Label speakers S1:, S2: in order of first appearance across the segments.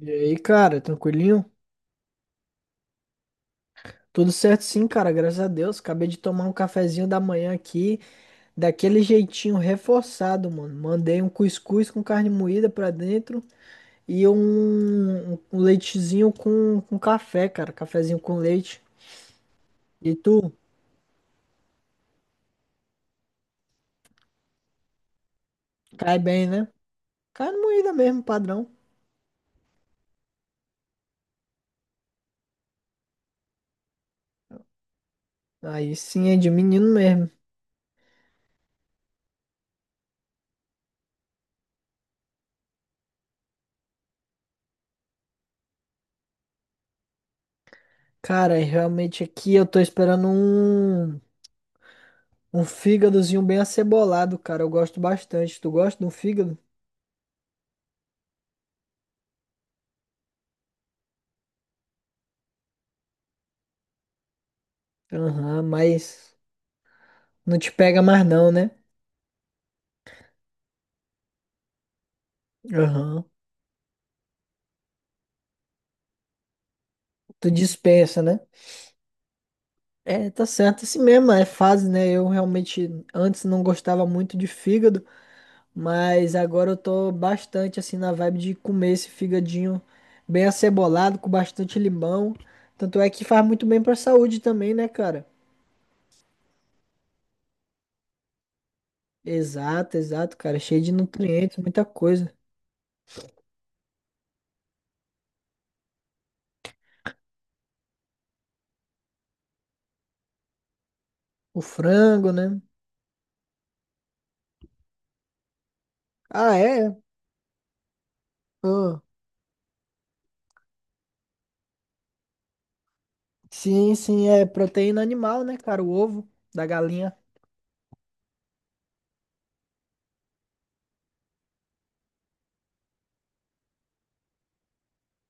S1: E aí, cara, tranquilinho? Tudo certo sim, cara, graças a Deus. Acabei de tomar um cafezinho da manhã aqui, daquele jeitinho reforçado, mano. Mandei um cuscuz com carne moída pra dentro e um leitezinho com café, cara. Cafezinho com leite. E tu? Cai bem, né? Carne moída mesmo, padrão. Aí sim, é de menino mesmo. Cara, realmente aqui eu tô esperando um fígadozinho bem acebolado, cara. Eu gosto bastante. Tu gosta de um fígado? Aham, mas não te pega mais não, né? Aham. Tu dispensa, né? É, tá certo, assim mesmo, é fase, né? Eu realmente antes não gostava muito de fígado, mas agora eu tô bastante assim na vibe de comer esse fígadinho bem acebolado, com bastante limão. Tanto é que faz muito bem pra saúde também, né, cara? Exato, exato, cara. Cheio de nutrientes, muita coisa. O frango, né? Ah, é? Ah, sim, sim, é proteína animal, né, cara? O ovo da galinha.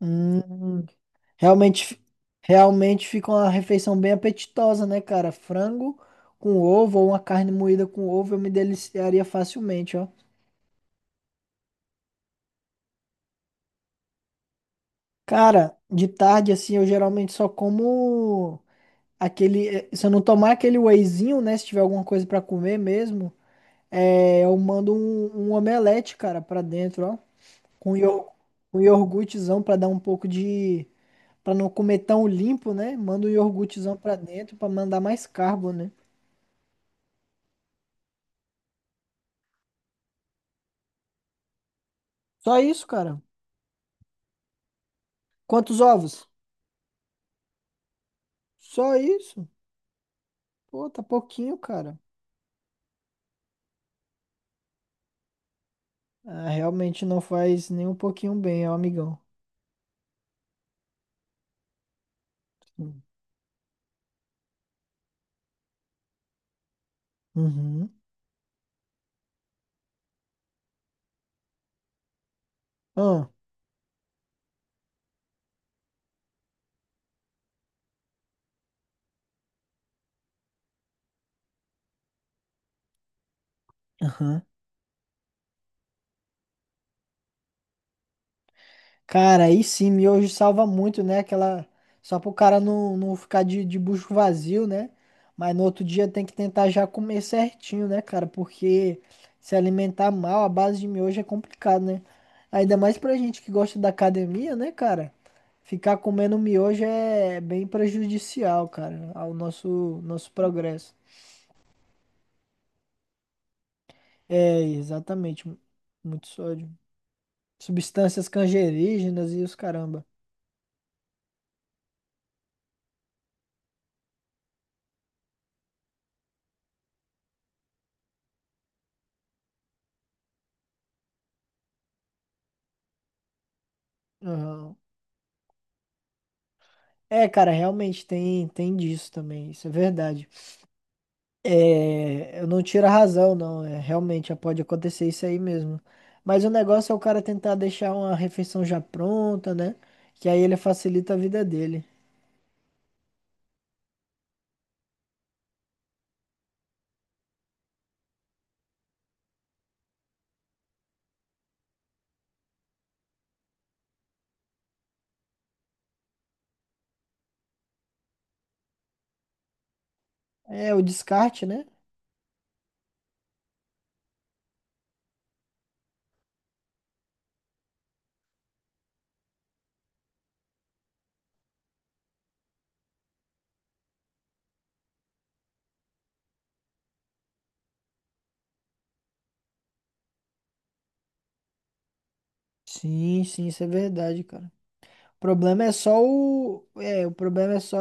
S1: Hum, realmente, fi- realmente fica uma refeição bem apetitosa, né, cara? Frango com ovo ou uma carne moída com ovo, eu me deliciaria facilmente, ó. Cara, de tarde, assim, eu geralmente só como aquele. Se eu não tomar aquele wheyzinho, né? Se tiver alguma coisa pra comer mesmo, é, eu mando um omelete, cara, pra dentro, ó. Com, ior, com iogurtezão pra dar um pouco de. Pra não comer tão limpo, né? Manda um iogurtezão pra dentro pra mandar mais carbo, né? Só isso, cara? Quantos ovos? Só isso? Pô, tá pouquinho, cara. Ah, realmente não faz nem um pouquinho bem, ó, amigão. Uhum. Ah, aham. Cara, aí sim, miojo salva muito, né? Aquela. Só pro cara não ficar de bucho vazio, né? Mas no outro dia tem que tentar já comer certinho, né, cara? Porque se alimentar mal, a base de miojo é complicado, né? Ainda mais pra gente que gosta da academia, né, cara? Ficar comendo miojo é bem prejudicial, cara, ao nosso progresso. É, exatamente. Muito sódio. Substâncias cancerígenas e os caramba. Aham. É, cara, realmente tem disso também, isso é verdade. É, eu não tiro a razão, não, é, realmente pode acontecer isso aí mesmo. Mas o negócio é o cara tentar deixar uma refeição já pronta, né? Que aí ele facilita a vida dele. É, o descarte, né? Sim, sim, isso é verdade, cara. O problema é só o, é, o problema é só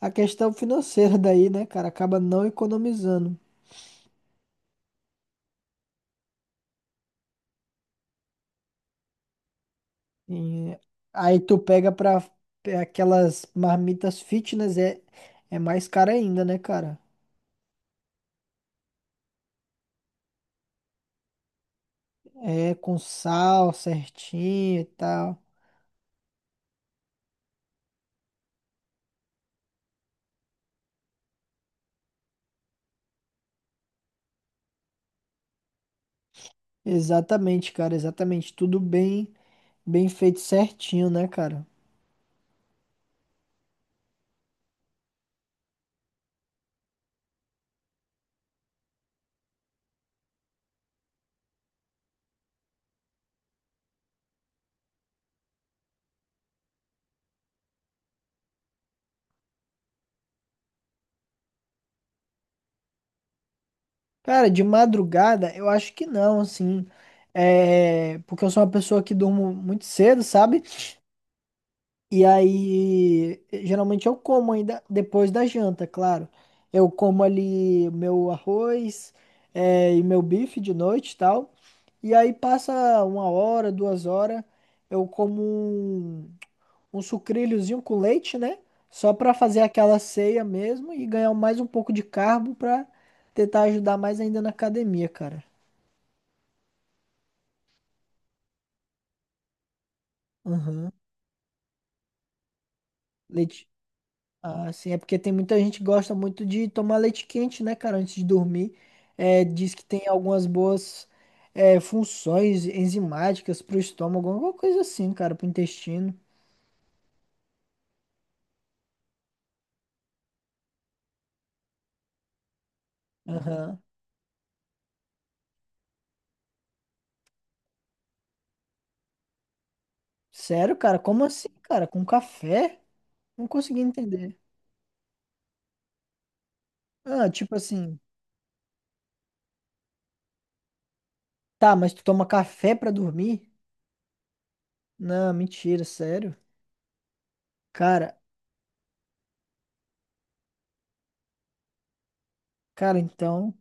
S1: a questão financeira daí, né, cara? Acaba não economizando. E aí tu pega pra aquelas marmitas fitness, é, é mais cara ainda, né, cara? É com sal certinho e tal. Exatamente, cara, exatamente. Tudo bem, bem feito certinho, né, cara? Cara, de madrugada, eu acho que não, assim. É, porque eu sou uma pessoa que durmo muito cedo, sabe? E aí, geralmente eu como ainda depois da janta, claro. Eu como ali meu arroz, e meu bife de noite e tal. E aí passa uma hora, duas horas, eu como um sucrilhozinho com leite, né? Só pra fazer aquela ceia mesmo e ganhar mais um pouco de carbo pra tentar ajudar mais ainda na academia, cara. Aham. Leite. Ah, sim, é porque tem muita gente que gosta muito de tomar leite quente, né, cara, antes de dormir. É, diz que tem algumas boas funções enzimáticas pro estômago, alguma coisa assim, cara, pro intestino. Aham. Sério, cara? Como assim, cara? Com café? Não consegui entender. Ah, tipo assim, tá, mas tu toma café pra dormir? Não, mentira, sério. Cara, então,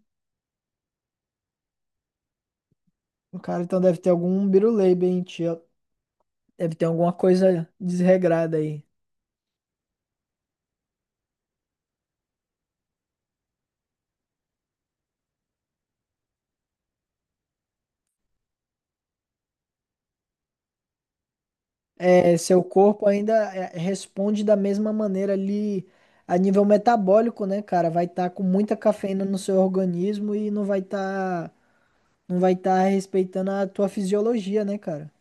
S1: o cara então deve ter algum biruleibe aí em ti, ó. Deve ter alguma coisa desregrada aí. É, seu corpo ainda é, responde da mesma maneira ali a nível metabólico, né, cara? Vai estar com muita cafeína no seu organismo e não vai estar respeitando a tua fisiologia, né, cara?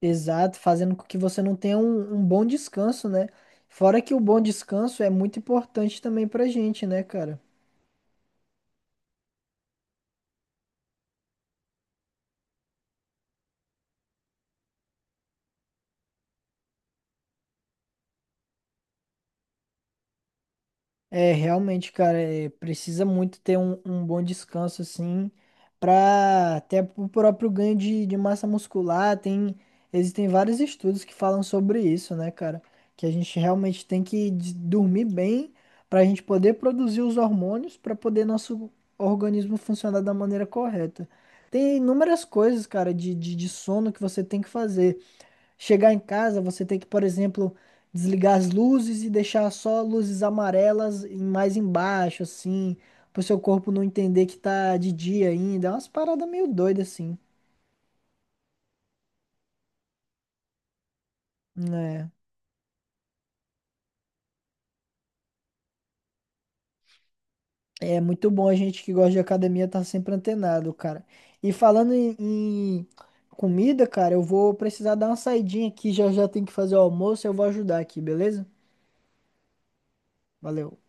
S1: Exato, fazendo com que você não tenha um bom descanso, né? Fora que o bom descanso é muito importante também pra gente, né, cara? É, realmente, cara, é, precisa muito ter um bom descanso, assim, para até o próprio ganho de massa muscular. Tem, existem vários estudos que falam sobre isso, né, cara? Que a gente realmente tem que dormir bem para a gente poder produzir os hormônios para poder nosso organismo funcionar da maneira correta. Tem inúmeras coisas, cara, de sono que você tem que fazer. Chegar em casa, você tem que, por exemplo, desligar as luzes e deixar só luzes amarelas mais embaixo, assim, pro seu corpo não entender que tá de dia ainda. É umas paradas meio doidas, assim, né? É muito bom a gente que gosta de academia tá sempre antenado, cara. E falando em comida, cara, eu vou precisar dar uma saidinha aqui, já já tem que fazer o almoço, eu vou ajudar aqui, beleza? Valeu.